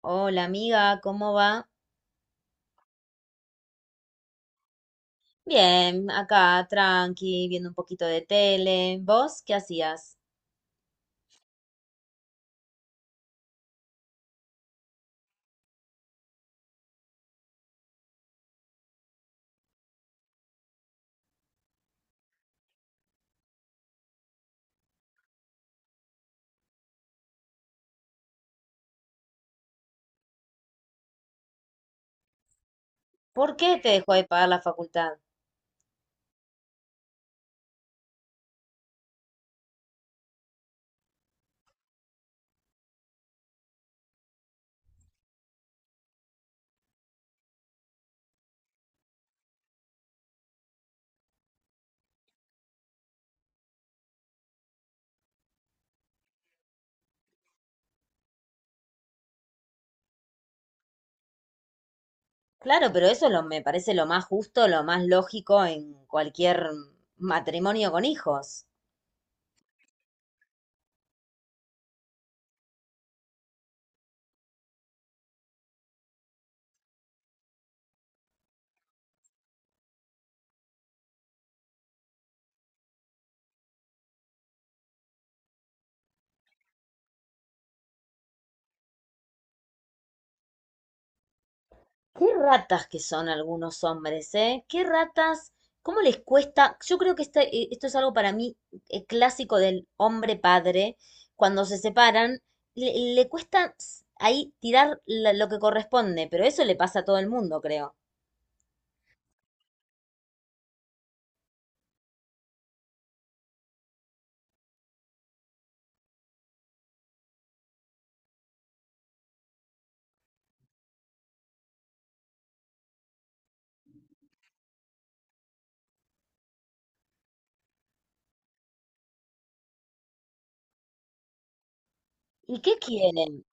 Hola amiga, ¿cómo va? Bien, acá tranqui, viendo un poquito de tele. ¿Vos qué hacías? ¿Por qué te dejó de pagar la facultad? Claro, pero eso lo, me parece lo más justo, lo más lógico en cualquier matrimonio con hijos. Qué ratas que son algunos hombres, ¿eh? Qué ratas, cómo les cuesta. Yo creo que esto es algo para mí clásico del hombre padre. Cuando se separan, le cuesta s- ahí tirar la- lo que corresponde, pero eso le pasa a todo el mundo, creo. ¿Y qué quieren?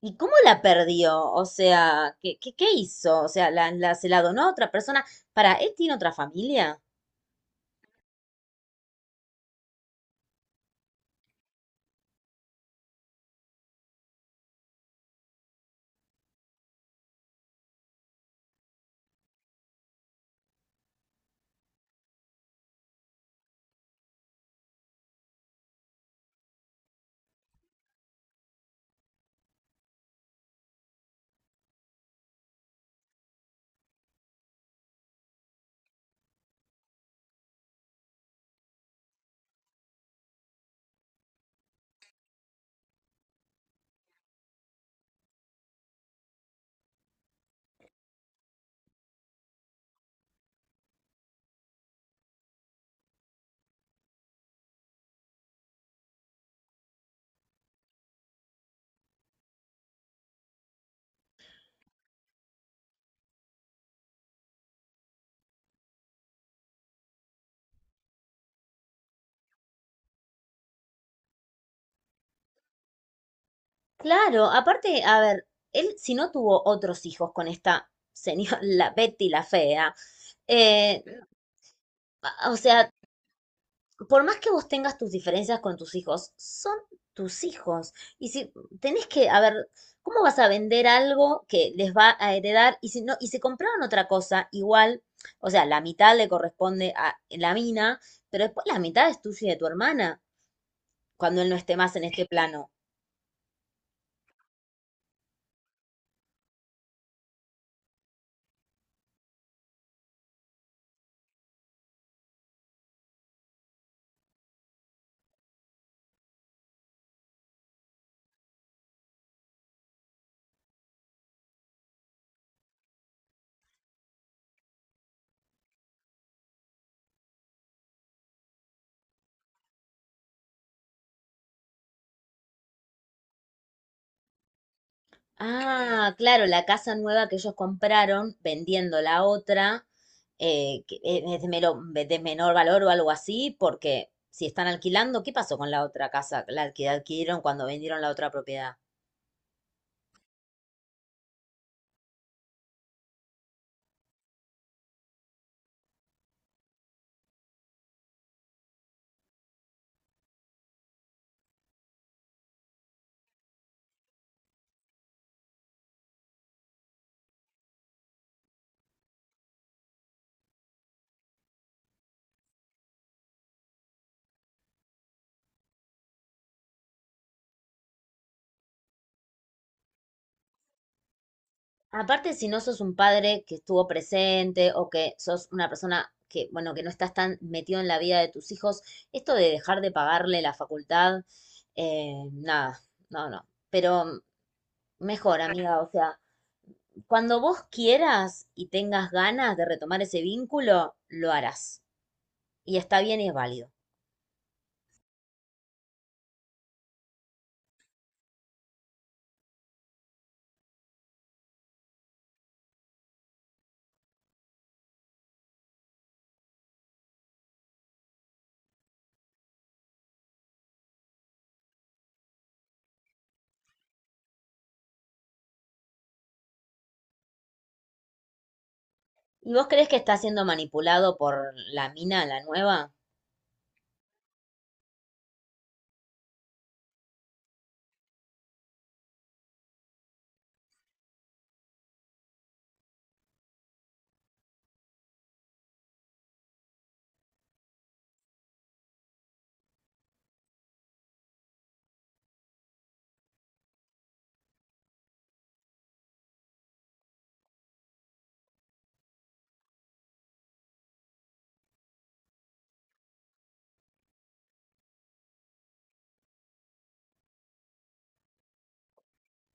¿Y cómo la perdió? O sea, ¿qué hizo? O sea, la- ¿se la donó a otra persona? ¿Para él tiene otra familia? Claro, aparte, a ver, él si no tuvo otros hijos con esta señora, la Betty la fea, eh, a- o sea, por más que vos tengas tus diferencias con tus hijos, son tus hijos. Y si tenés que, a ver, ¿cómo vas a vender algo que les va a heredar? Y si no, y si compraron otra cosa, igual, o sea, la mitad le corresponde a la mina, pero después la mitad es tuya y de tu hermana, cuando él no esté más en este plano. Ah, claro, la casa nueva que ellos compraron vendiendo la otra, que e- es de, mero- de menor valor o algo así, porque si están alquilando, ¿qué pasó con la otra casa? La que adquirieron cuando vendieron la otra propiedad. Aparte, si no sos un padre que estuvo presente o que sos una persona que, bueno, que no estás tan metido en la vida de tus hijos, esto de dejar de pagarle la facultad, nada, no, no. Pero mejor, amiga, o sea. Cuando vos quieras y tengas ganas de retomar ese vínculo, lo harás. Y está bien y es válido. ¿Y vos crees que está siendo manipulado por la mina, la nueva?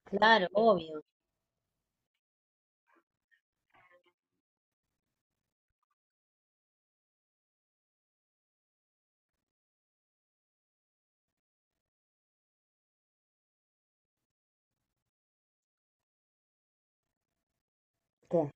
Claro, obvio. ¿Qué?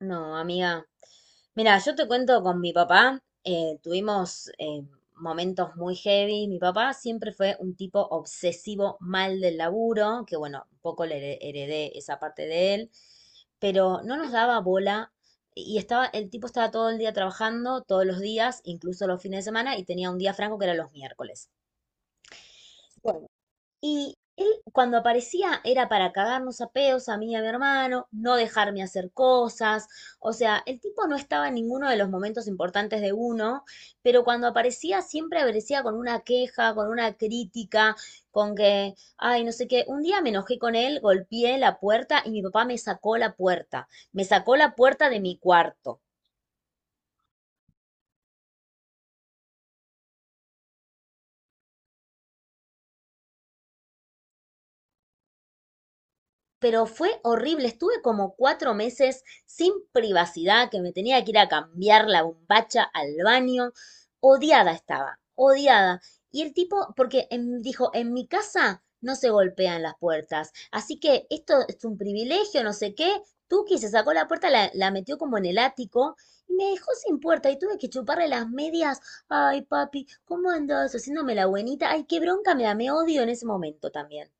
No, amiga, mira, yo te cuento con mi papá, tuvimos momentos muy heavy. Mi papá siempre fue un tipo obsesivo, mal del laburo, que bueno, un poco le heredé esa parte de él, pero no nos daba bola y estaba, el tipo estaba todo el día trabajando, todos los días, incluso los fines de semana, y tenía un día franco que era los miércoles. Y él cuando aparecía era para cagarnos a pedos a mí y a mi hermano, no dejarme hacer cosas, o sea, el tipo no estaba en ninguno de los momentos importantes de uno, pero cuando aparecía siempre aparecía con una queja, con una crítica, con que, ay, no sé qué, un día me enojé con él, golpeé la puerta y mi papá me sacó la puerta, me sacó la puerta de mi cuarto. Pero fue horrible. Estuve como 4 meses sin privacidad, que me tenía que ir a cambiar la bombacha al baño. Odiada estaba, odiada. Y el tipo, porque en- dijo, en mi casa no se golpean las puertas, así que esto es un privilegio, no sé qué. Tuki se sacó la puerta, la metió como en el ático y me dejó sin puerta y tuve que chuparle las medias. Ay, papi, ¿cómo andas? Haciéndome la buenita. Ay, qué bronca me da, me odio en ese momento también.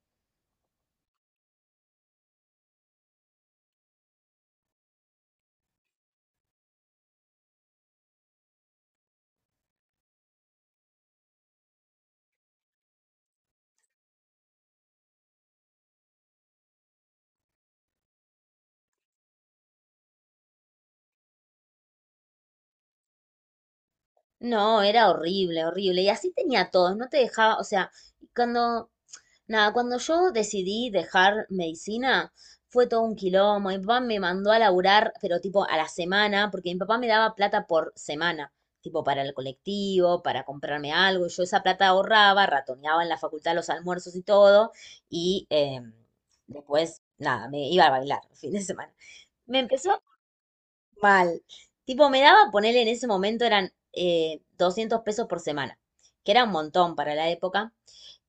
No, era horrible, horrible. Y así tenía a todos, no te dejaba, o sea, cuando, nada, cuando yo decidí dejar medicina, fue todo un quilombo. Mi papá me mandó a laburar, pero tipo a la semana, porque mi papá me daba plata por semana, tipo para el colectivo, para comprarme algo. Y yo esa plata ahorraba, ratoneaba en la facultad los almuerzos y todo. Y después, nada, me iba a bailar el fin de semana. Me empezó, mal. Tipo, me daba ponerle en ese momento eran 200 pesos por semana, que era un montón para la época,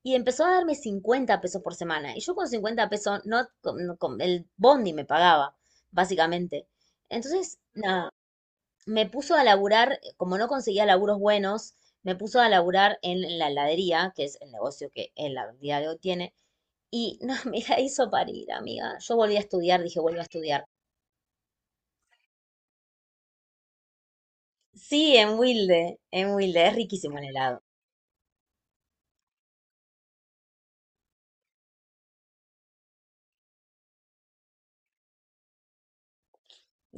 y empezó a darme 50 pesos por semana. Y yo con 50 pesos, no, el bondi me pagaba, básicamente. Entonces, nada, me puso a laburar, como no conseguía laburos buenos, me puso a laburar en la heladería, que es el negocio que en la día de hoy tiene, y no, me la hizo parir, amiga. Yo volví a estudiar, dije, vuelvo a estudiar. Sí, en Wilde, es riquísimo el helado.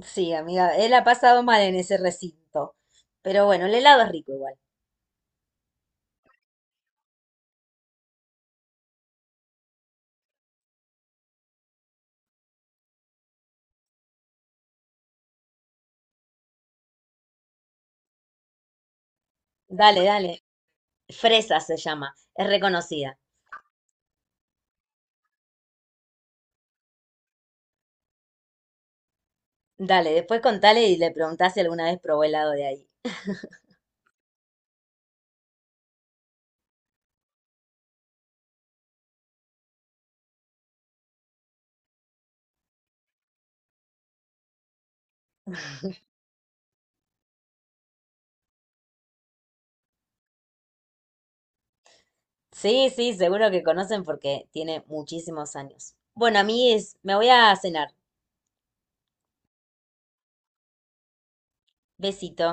Sí, amiga, él ha pasado mal en ese recinto. Pero bueno, el helado es rico igual. Dale, dale. Fresa se llama, es reconocida. Dale, después contale y le preguntás si alguna vez probó helado de ahí. Sí, sí, seguro que conocen porque tiene muchísimos años. Bueno, amigues, me voy a cenar. Besito.